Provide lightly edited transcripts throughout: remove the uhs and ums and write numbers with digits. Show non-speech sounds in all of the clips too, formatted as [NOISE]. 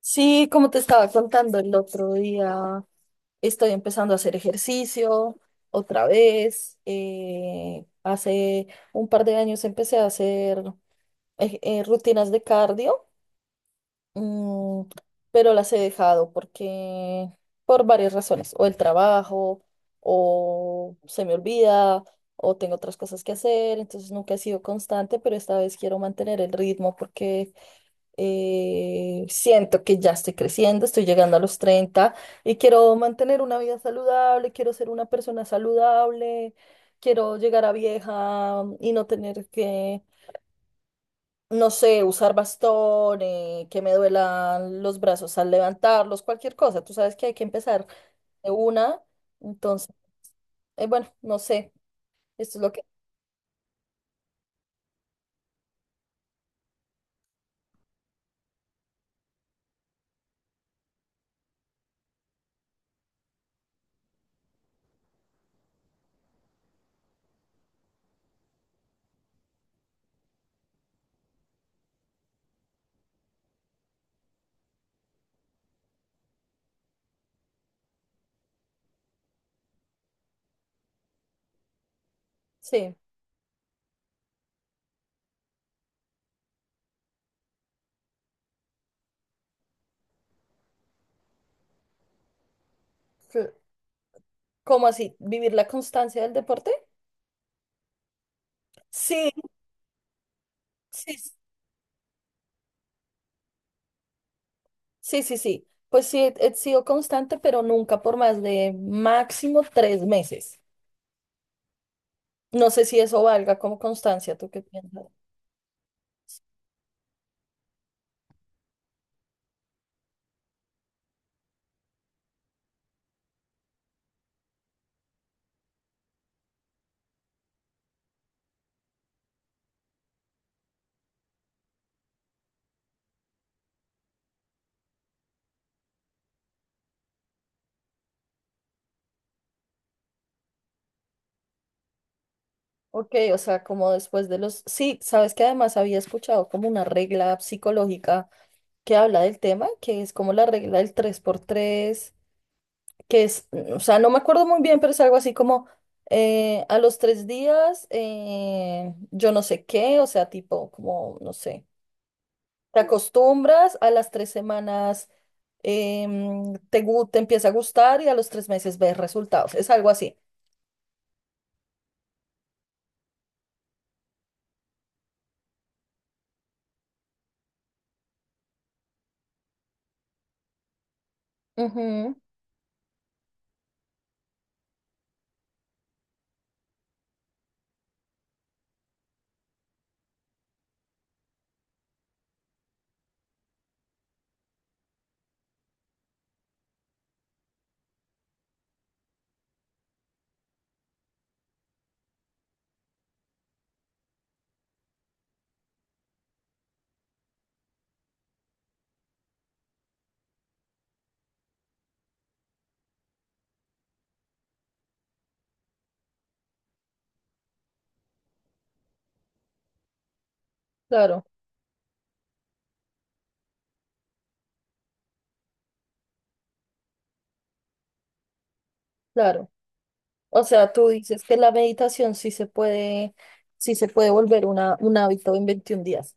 Sí, como te estaba contando el otro día, estoy empezando a hacer ejercicio otra vez. Hace un par de años empecé a hacer rutinas de cardio, mm, pero las he dejado porque por varias razones, o el trabajo, o se me olvida, o tengo otras cosas que hacer, entonces nunca he sido constante, pero esta vez quiero mantener el ritmo porque siento que ya estoy creciendo, estoy llegando a los 30 y quiero mantener una vida saludable, quiero ser una persona saludable, quiero llegar a vieja y no tener que, no sé, usar bastón, que me duelan los brazos al levantarlos, cualquier cosa. Tú sabes que hay que empezar de una, entonces, bueno, no sé, esto es lo que, sí, cl- ¿cómo así? ¿Vivir la constancia del deporte? Sí, sí, sí, sí, sí. Pues sí, he sido constante, pero nunca por más de máximo 3 meses. No sé si eso valga como constancia, ¿tú qué piensas? Ok, o sea, como después de los... Sí, sabes que además había escuchado como una regla psicológica que habla del tema, que es como la regla del tres por tres, que es, mm, o sea, no me acuerdo muy bien, pero es algo así como a los 3 días, yo no sé qué, o sea, tipo, como, no sé. Te acostumbras, a las 3 semanas te empieza a gustar y a los 3 meses ves resultados. Es algo así. Ujú, claro, claro. O sea, tú dices que la meditación sí se puede volver una, un hábito en 21 días.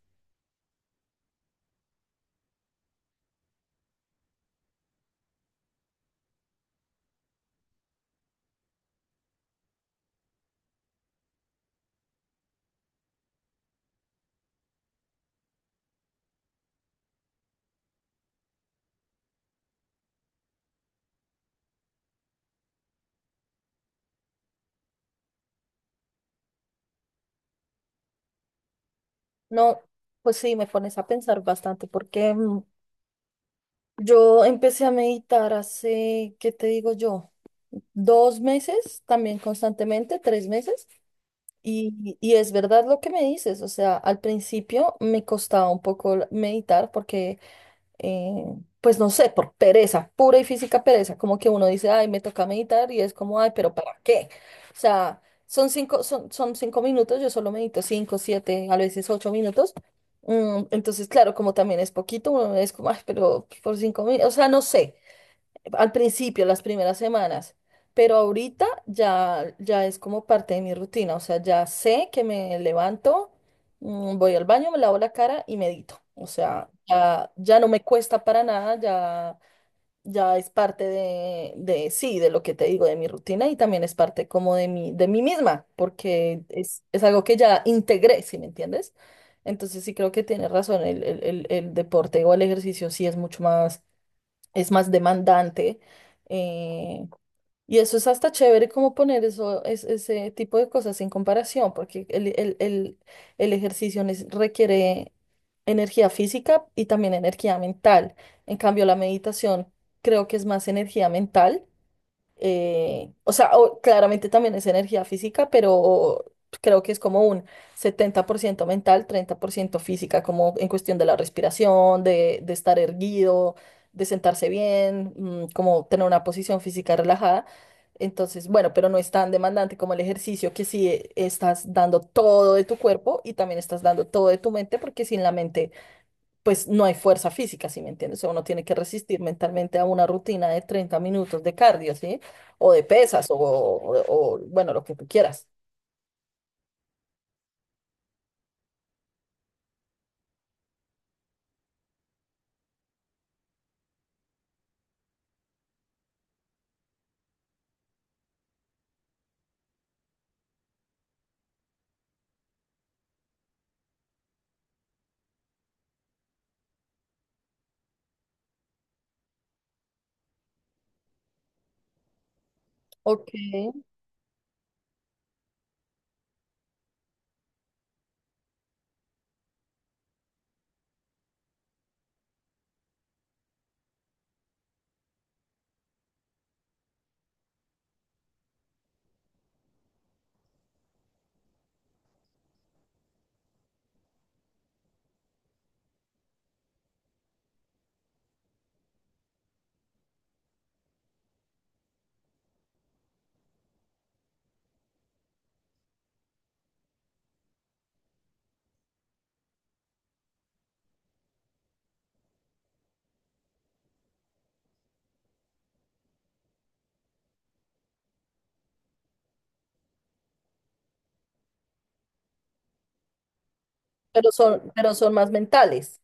No, pues sí, me pones a pensar bastante porque yo empecé a meditar hace, ¿qué te digo yo? 2 meses, también constantemente, 3 meses. Y es verdad lo que me dices, o sea, al principio me costaba un poco meditar porque, eh, pues no sé, por pereza, pura y física pereza, como que uno dice, ay, me toca meditar y es como, ay, pero ¿para qué? O sea, son 5 minutos, yo solo medito 5, 7, a veces 8 minutos. Entonces, claro, como también es poquito, uno es como, ay, pero por 5 minutos, o sea, no sé al principio, las primeras semanas, pero ahorita ya, ya es como parte de mi rutina, o sea, ya sé que me levanto, voy al baño, me lavo la cara y medito, o sea, ya, ya no me cuesta para nada, ya, ya es parte de, sí, de lo que te digo, de mi rutina y también es parte como de mi, de mí misma, porque es algo que ya integré, ¿si me entiendes? Entonces sí creo que tienes razón, el deporte o el ejercicio sí es mucho más es más demandante. eh, y eso es hasta chévere como poner eso, ese tipo de cosas en comparación, porque el ejercicio requiere energía física y también energía mental. En cambio, la meditación creo que es más energía mental, o sea, claramente también es energía física, pero creo que es como un 70% mental, 30% física, como en cuestión de la respiración, de estar erguido, de sentarse bien, como tener una posición física relajada. Entonces, bueno, pero no es tan demandante como el ejercicio, que sí, estás dando todo de tu cuerpo y también estás dando todo de tu mente, porque sin la mente pues no hay fuerza física, ¿sí me entiendes? O sea, uno tiene que resistir mentalmente a una rutina de 30 minutos de cardio, ¿sí? O de pesas, o, bueno, lo que tú quieras. Ok. Pero son más mentales.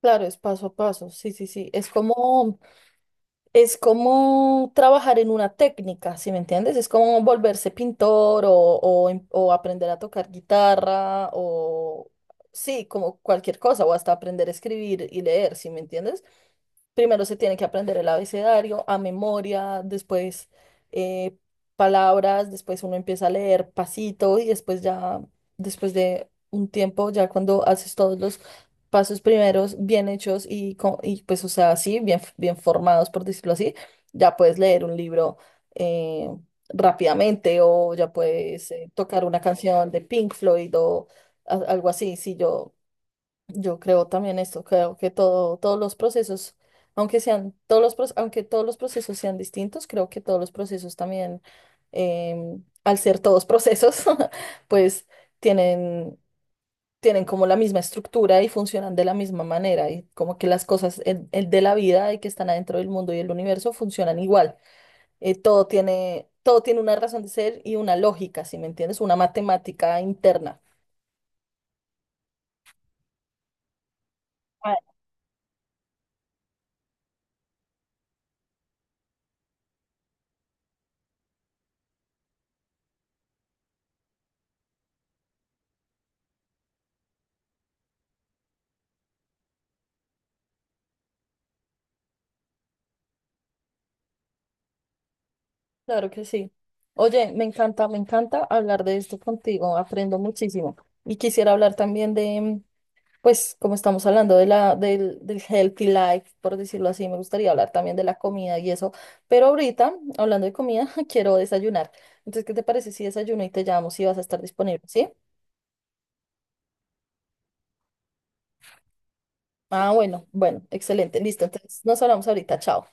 Claro, es paso a paso, sí, sí, sí. es como, trabajar en una técnica, ¿sí me entiendes? Es como volverse pintor o aprender a tocar guitarra o, sí, como cualquier cosa, o hasta aprender a escribir y leer, ¿sí me entiendes? Primero se tiene que aprender el abecedario a memoria, después eh, palabras, después uno empieza a leer pasito y después ya, después de un tiempo, ya cuando haces todos los pasos primeros bien hechos y pues, o sea, así, bien, bien formados, por decirlo así, ya puedes leer un libro eh, rápidamente o ya puedes tocar una canción de Pink Floyd o algo así. Si yo yo creo también esto, creo que todos los procesos, aunque sean todos los, proce- aunque todos los procesos sean distintos, creo que todos los procesos también, al ser todos procesos, [LAUGHS] pues tienen, tienen, como la misma estructura y funcionan de la misma manera y como que las cosas de la vida y que están adentro del mundo y el universo funcionan igual. Todo tiene una razón de ser y una lógica, ¿si me entiendes? Una matemática interna. Claro que sí. Oye, me encanta hablar de esto contigo, aprendo muchísimo. Y quisiera hablar también de, pues, como estamos hablando del healthy life, por decirlo así, me gustaría hablar también de la comida y eso. Pero ahorita, hablando de comida, [LAUGHS] quiero desayunar. Entonces, ¿qué te parece si desayuno y te llamo si vas a estar disponible? ¿Sí? Ah, bueno, bueno, excelente, listo. Entonces, nos hablamos ahorita, chao.